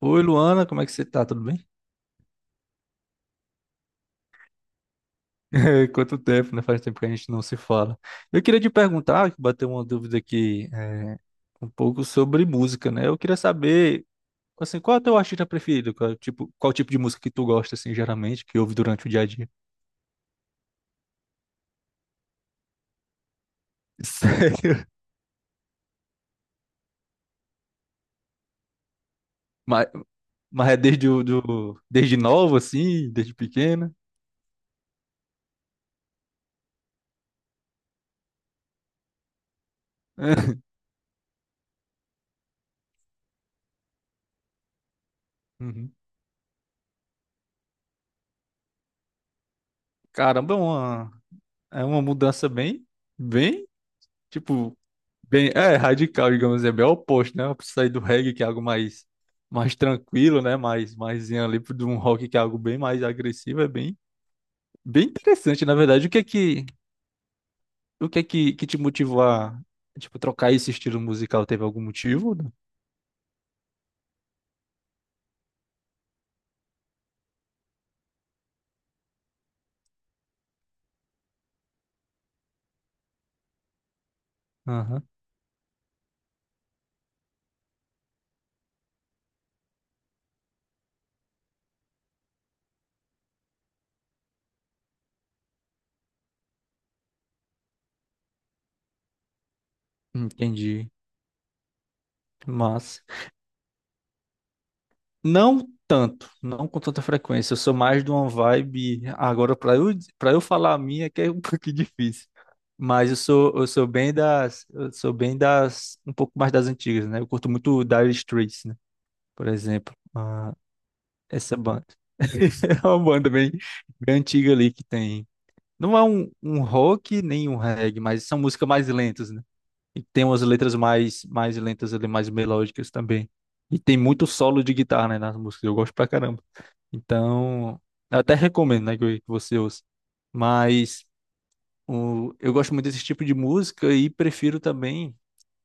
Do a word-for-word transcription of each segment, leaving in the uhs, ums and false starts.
Oi, Luana, como é que você tá? Tudo bem? Quanto tempo, né? Faz tempo que a gente não se fala. Eu queria te perguntar, bater uma dúvida aqui, é, um pouco sobre música, né? Eu queria saber, assim, qual é o teu artista preferido? Qual, é tipo, qual tipo de música que tu gosta, assim, geralmente, que ouve durante o dia a dia? Sério? Mas, mas é desde, o, do, desde novo, assim, desde pequena? Uhum. Caramba, é uma, é uma mudança bem, bem, tipo, Bem, é radical, digamos assim, é bem oposto, né? Eu preciso sair do reggae, que é algo mais, mais tranquilo, né? Mais, mais ali pro- de um rock que é algo bem mais agressivo, é bem, bem interessante, na verdade. O que é que, o que é que, que te motivou a, tipo, trocar esse estilo musical? Teve algum motivo? Aham. Entendi. Massa. Não tanto, não com tanta frequência. Eu sou mais de uma vibe. Agora, para eu, para eu falar a minha, que é um pouquinho difícil. Mas eu sou, eu sou bem das, eu sou bem das, um pouco mais das antigas, né? Eu curto muito Dire Straits, né? Por exemplo, ah, essa banda. É uma banda bem, bem antiga ali que tem. Não é um, um rock nem um reggae, mas são músicas mais lentas, né? E tem umas letras mais, mais lentas ali, mais melódicas também. E tem muito solo de guitarra, né, nas músicas. Eu gosto pra caramba. Então, eu até recomendo, né, que que você ouça. Mas o, eu gosto muito desse tipo de música e prefiro também.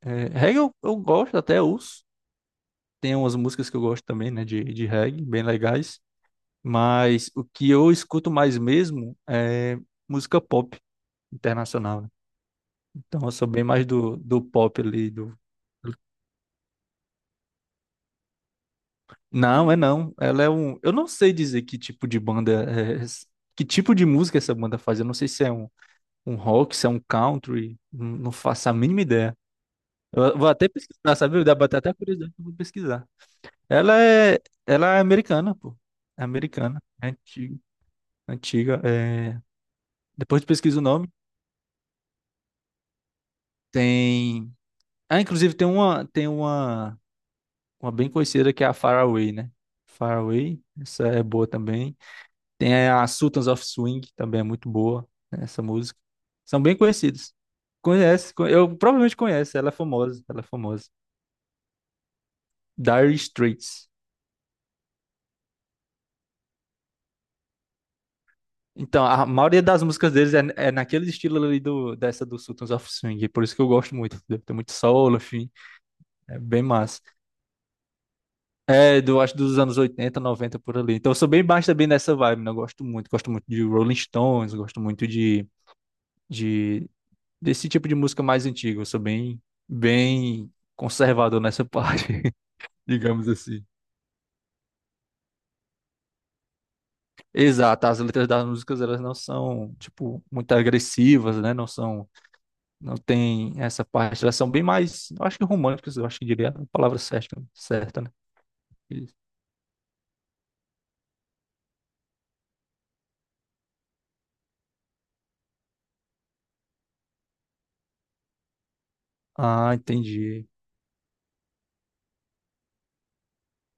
É, reggae eu, eu gosto, até ouço. Tem umas músicas que eu gosto também, né, de, de reggae, bem legais. Mas o que eu escuto mais mesmo é música pop internacional, né? Então eu sou bem mais do, do pop ali, do... Não, é não. Ela é um... Eu não sei dizer que tipo de banda é... essa- Que tipo de música essa banda faz. Eu não sei se é um um rock, se é um country, não não faço a mínima ideia. Eu vou até pesquisar, sabe? Dá pra ter até curiosidade, eu vou pesquisar. Ela é, ela é americana, pô. É americana, é antiga, antiga. É... Depois de pesquisa o nome, tem. Ah, inclusive tem uma, tem uma, uma bem conhecida que é a Faraway, né? Faraway, essa é boa também. Tem a Sultans of Swing, que também é muito boa, né, essa música. São bem conhecidas. Conhece, con- eu provavelmente conheço, ela é famosa, ela é famosa. Dire Straits. Então, a maioria das músicas deles é, é naquele estilo ali do, dessa do Sultans of Swing, por isso que eu gosto muito, entendeu? Tem muito solo, enfim, é bem massa. É, do, acho dos anos oitenta, noventa por ali. Então, eu sou bem baixo também nessa vibe, né? Eu gosto muito, gosto muito de Rolling Stones, gosto muito de, de desse tipo de música mais antiga, eu sou bem, bem conservador nessa parte, digamos assim. Exato, as letras das músicas, elas não são, tipo, muito agressivas, né? Não são. Não tem essa parte. Elas são bem mais, eu acho que românticas, eu acho que diria a palavra certa, certa, né? Eles- Ah, entendi.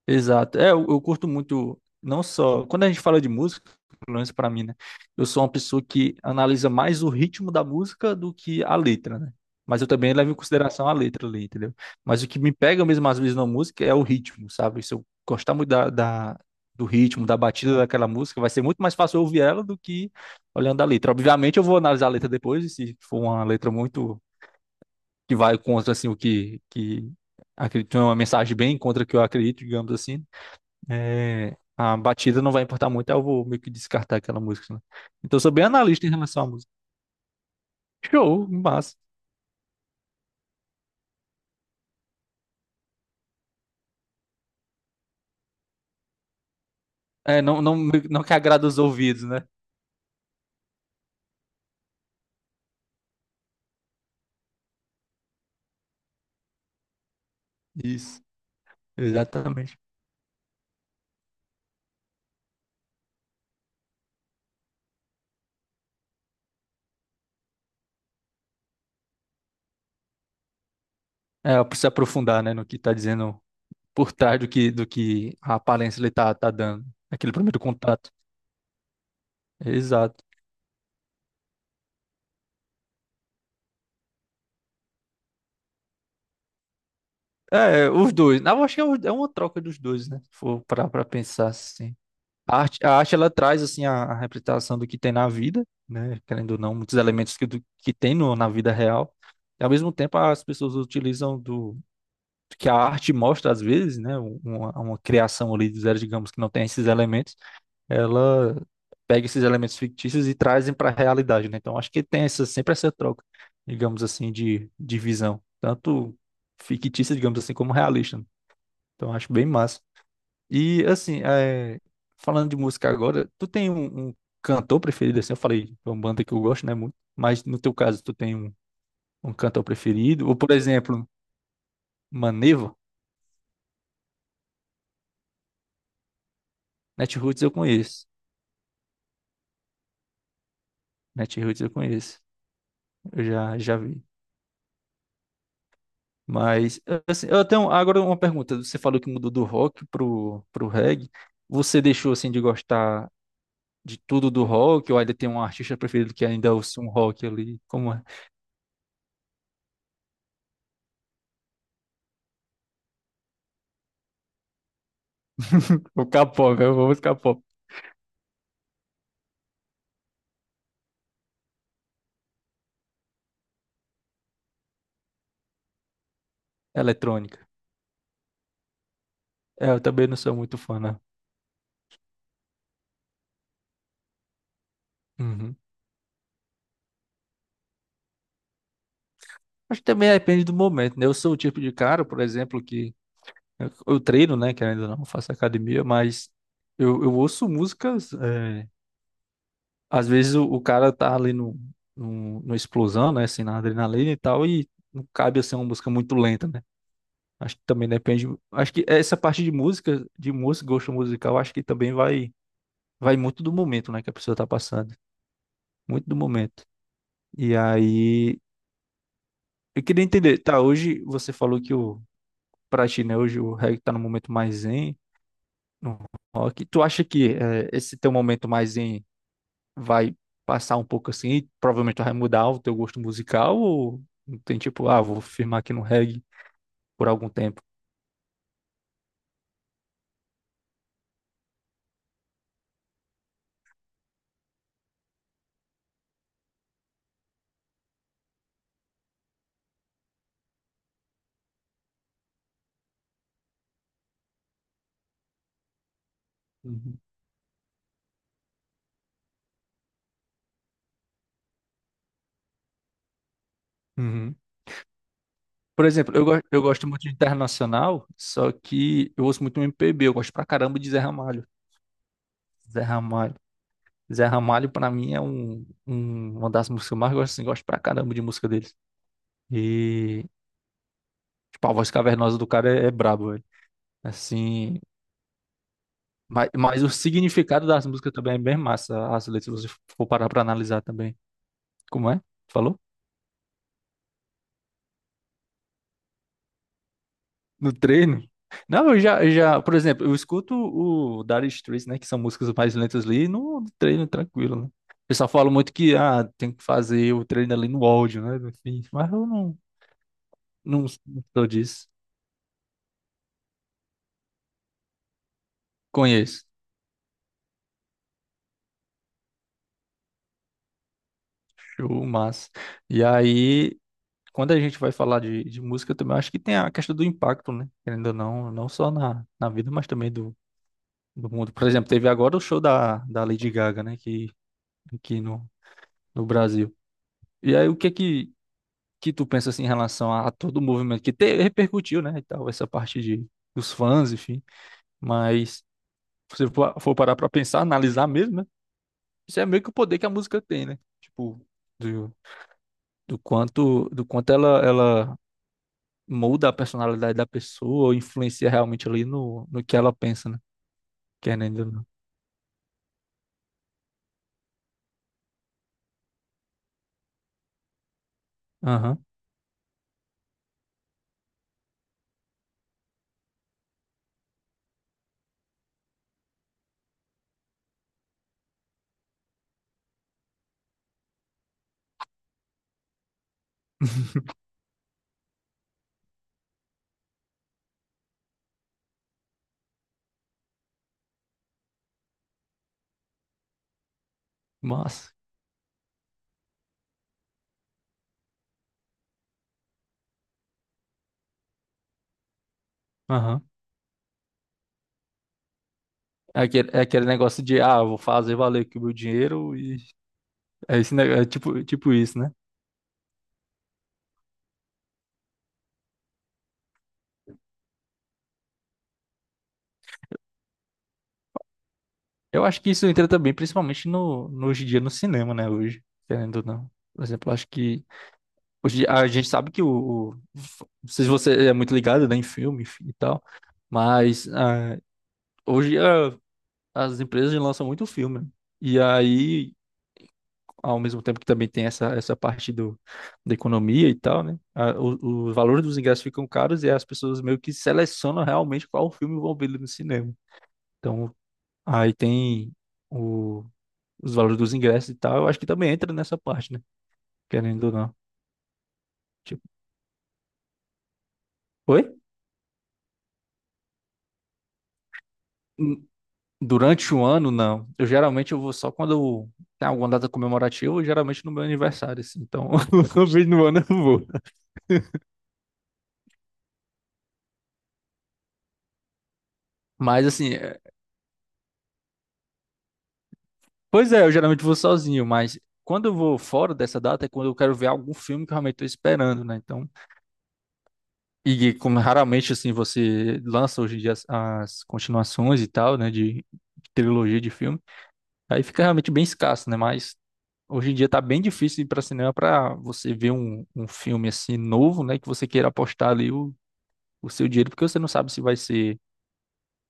Exato. É, eu, eu curto muito, não só. Quando a gente fala de música, pelo menos pra mim, né? Eu sou uma pessoa que analisa mais o ritmo da música do que a letra, né? Mas eu também levo em consideração a letra ali, entendeu? Mas o que me pega mesmo às vezes na música é o ritmo, sabe? Se eu gostar muito da, da- do ritmo, da batida daquela música, vai ser muito mais fácil eu ouvir ela do que olhando a letra. Obviamente eu vou analisar a letra depois, e se for uma letra muito que vai contra assim o que, que acredito é uma mensagem bem contra o que eu acredito, digamos assim, é, a batida não vai importar muito, aí eu vou meio que descartar aquela música, né? Então eu sou bem analista em relação à música. Show, massa. É, não, não, não que agrada os ouvidos, né? Isso, exatamente. É, eu preciso aprofundar, né, no que tá dizendo por trás do que, do que a aparência ele tá, tá dando. Aquele primeiro contato. Exato. É, os dois. Na verdade, é um- é uma troca dos dois, né? Se for parar pra pensar assim. A arte, a arte ela traz assim a, a representação do que tem na vida, né? Querendo ou não, muitos elementos que, do, que tem no, na vida real. E ao mesmo tempo as pessoas utilizam do que a arte mostra às vezes, né? Um, Uma, uma criação ali do zero, digamos, que não tem esses elementos, ela pega esses elementos fictícios e trazem para a realidade, né? Então acho que tem essa, sempre essa troca, digamos assim, de, de visão, tanto fictícia, digamos assim, como realista, né? Então acho bem massa. E assim, é, falando de música agora, tu tem um, um, cantor preferido assim? Eu falei, é uma banda que eu gosto, né, muito. Mas no teu caso, tu tem um, um cantor preferido? Ou, por exemplo, Maneva? Natiruts eu conheço. Natiruts eu conheço. Eu já, já vi. Mas, assim, eu tenho agora uma pergunta. Você falou que mudou do rock pro, pro reggae. Você deixou, assim, de gostar de tudo do rock? Ou ainda tem um artista preferido que ainda ouça um rock ali? Como é? O K-pop, eu vou buscar pop. Eletrônica. É, eu também não sou muito fã, né? Uhum. Acho que também depende do momento, né? Eu sou o tipo de cara, por exemplo, que eu, eu treino, né? Que ainda não faço academia, mas eu, eu ouço músicas. É, às vezes o, o cara tá ali no, no, no explosão, né? Assim, na adrenalina e tal, e não cabe assim uma música muito lenta, né? Acho que também depende. Acho que essa parte de música, de música, gosto musical, acho que também vai, vai muito do momento, né? Que a pessoa tá passando. Muito do momento. E aí, eu queria entender, tá? Hoje você falou que o pra ti, né? Hoje o reggae tá no momento mais zen, no rock. Tu acha que eh, esse teu momento mais zen vai passar um pouco assim? E provavelmente tu vai mudar o teu gosto musical? Ou não tem tipo, ah, vou firmar aqui no reggae por algum tempo? Uhum. Uhum. Por exemplo, eu, go- eu gosto muito de internacional, só que eu ouço muito M P B, eu gosto pra caramba de Zé Ramalho. Zé Ramalho. Zé Ramalho, pra mim, é um, um- uma das músicas que eu mais gosto, assim, gosto pra caramba de música deles. E, tipo, a voz cavernosa do cara é, é brabo, assim, mas, mas o significado das músicas também é bem massa, as letras, se você for parar pra analisar também. Como é? Falou? No treino? Não, eu já, eu já, por exemplo, eu escuto o Dire Straits, né, que são músicas mais lentas ali, no treino tranquilo, né? O pessoal fala muito que, ah, tem que fazer o treino ali no áudio, né, enfim, mas eu não, não sou disso. Conheço. Show, massa. E aí, quando a gente vai falar de, de música, eu também acho que tem a questão do impacto, né? Querendo ou não, não só na, na vida, mas também do, do mundo. Por exemplo, teve agora o show da, da Lady Gaga, né? Que, aqui no, no Brasil. E aí, o que é que, que tu pensa assim, em relação a, a todo o movimento que te, repercutiu, né? E tal, essa parte de, dos fãs, enfim. Mas se você for for parar pra pensar, analisar mesmo, né? Isso é meio que o poder que a música tem, né? Tipo, do, do quanto, do quanto ela, ela muda a personalidade da pessoa, ou influencia realmente ali no, no que ela pensa, né? Querendo ou não. Aham. Massa. Aham. É aquele, é aquele negócio de, ah, eu vou fazer valer aqui o meu dinheiro e é, esse, ne- é tipo, tipo isso, né? Eu acho que isso entra também, principalmente no, no- hoje em dia no cinema, né? Hoje, querendo ou não. Por exemplo, eu acho que hoje a gente sabe que o, o- não sei se você é muito ligado, né, em filme e tal, mas ah, hoje ah, as empresas lançam muito filme, né? E aí ao mesmo tempo que também tem essa, essa parte do, da economia e tal, né? A, o, os valores dos ingressos ficam caros e as pessoas meio que selecionam realmente qual filme vão ver no cinema. Então, aí tem o, os valores dos ingressos e tal. Eu acho que também entra nessa parte, né? Querendo ou não. Tipo, oi? Hum, Durante o ano, não. Eu geralmente eu vou só quando tem alguma data comemorativa, geralmente no meu aniversário, assim. Então, uma vez no ano eu vou. Mas assim, pois é, eu geralmente vou sozinho, mas quando eu vou fora dessa data é quando eu quero ver algum filme que eu realmente estou esperando, né? Então, e como raramente assim você lança hoje em dia as, as, continuações e tal, né? De, de trilogia de filme, aí fica realmente bem escasso, né? Mas hoje em dia tá bem difícil ir para cinema para você ver um, um, filme assim novo, né? Que você queira apostar ali o, o seu dinheiro, porque você não sabe se vai ser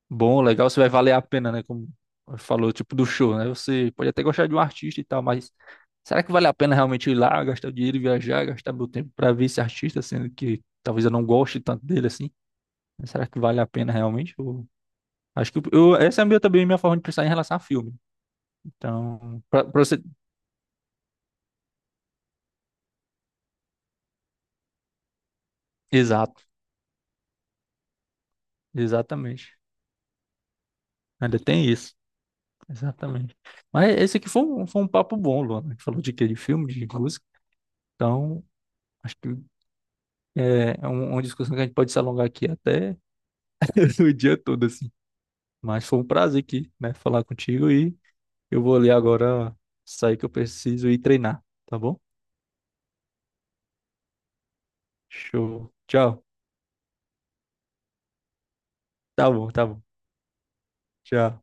bom, legal, se vai valer a pena, né? Como falou, tipo do show, né? Você pode até gostar de um artista e tal, mas será que vale a pena realmente ir lá, gastar o dinheiro, e viajar, gastar meu tempo pra ver esse artista, sendo que talvez eu não goste tanto dele assim? Será que vale a pena realmente? Ou- Acho que eu, essa é a minha, também a minha forma de pensar em relação a filme. Então, pra, pra você. Exato, exatamente. Ainda tem isso. Exatamente. Mas esse aqui foi um, foi um papo bom, Luana. A gente falou de quê? De filme, de música. Então, acho que É, é um- uma discussão que a gente pode se alongar aqui até o dia todo, assim. Mas foi um prazer aqui, né, falar contigo e eu vou ali agora sair que eu preciso ir treinar, tá bom? Show. Tchau. Tá bom, tá bom. Tchau.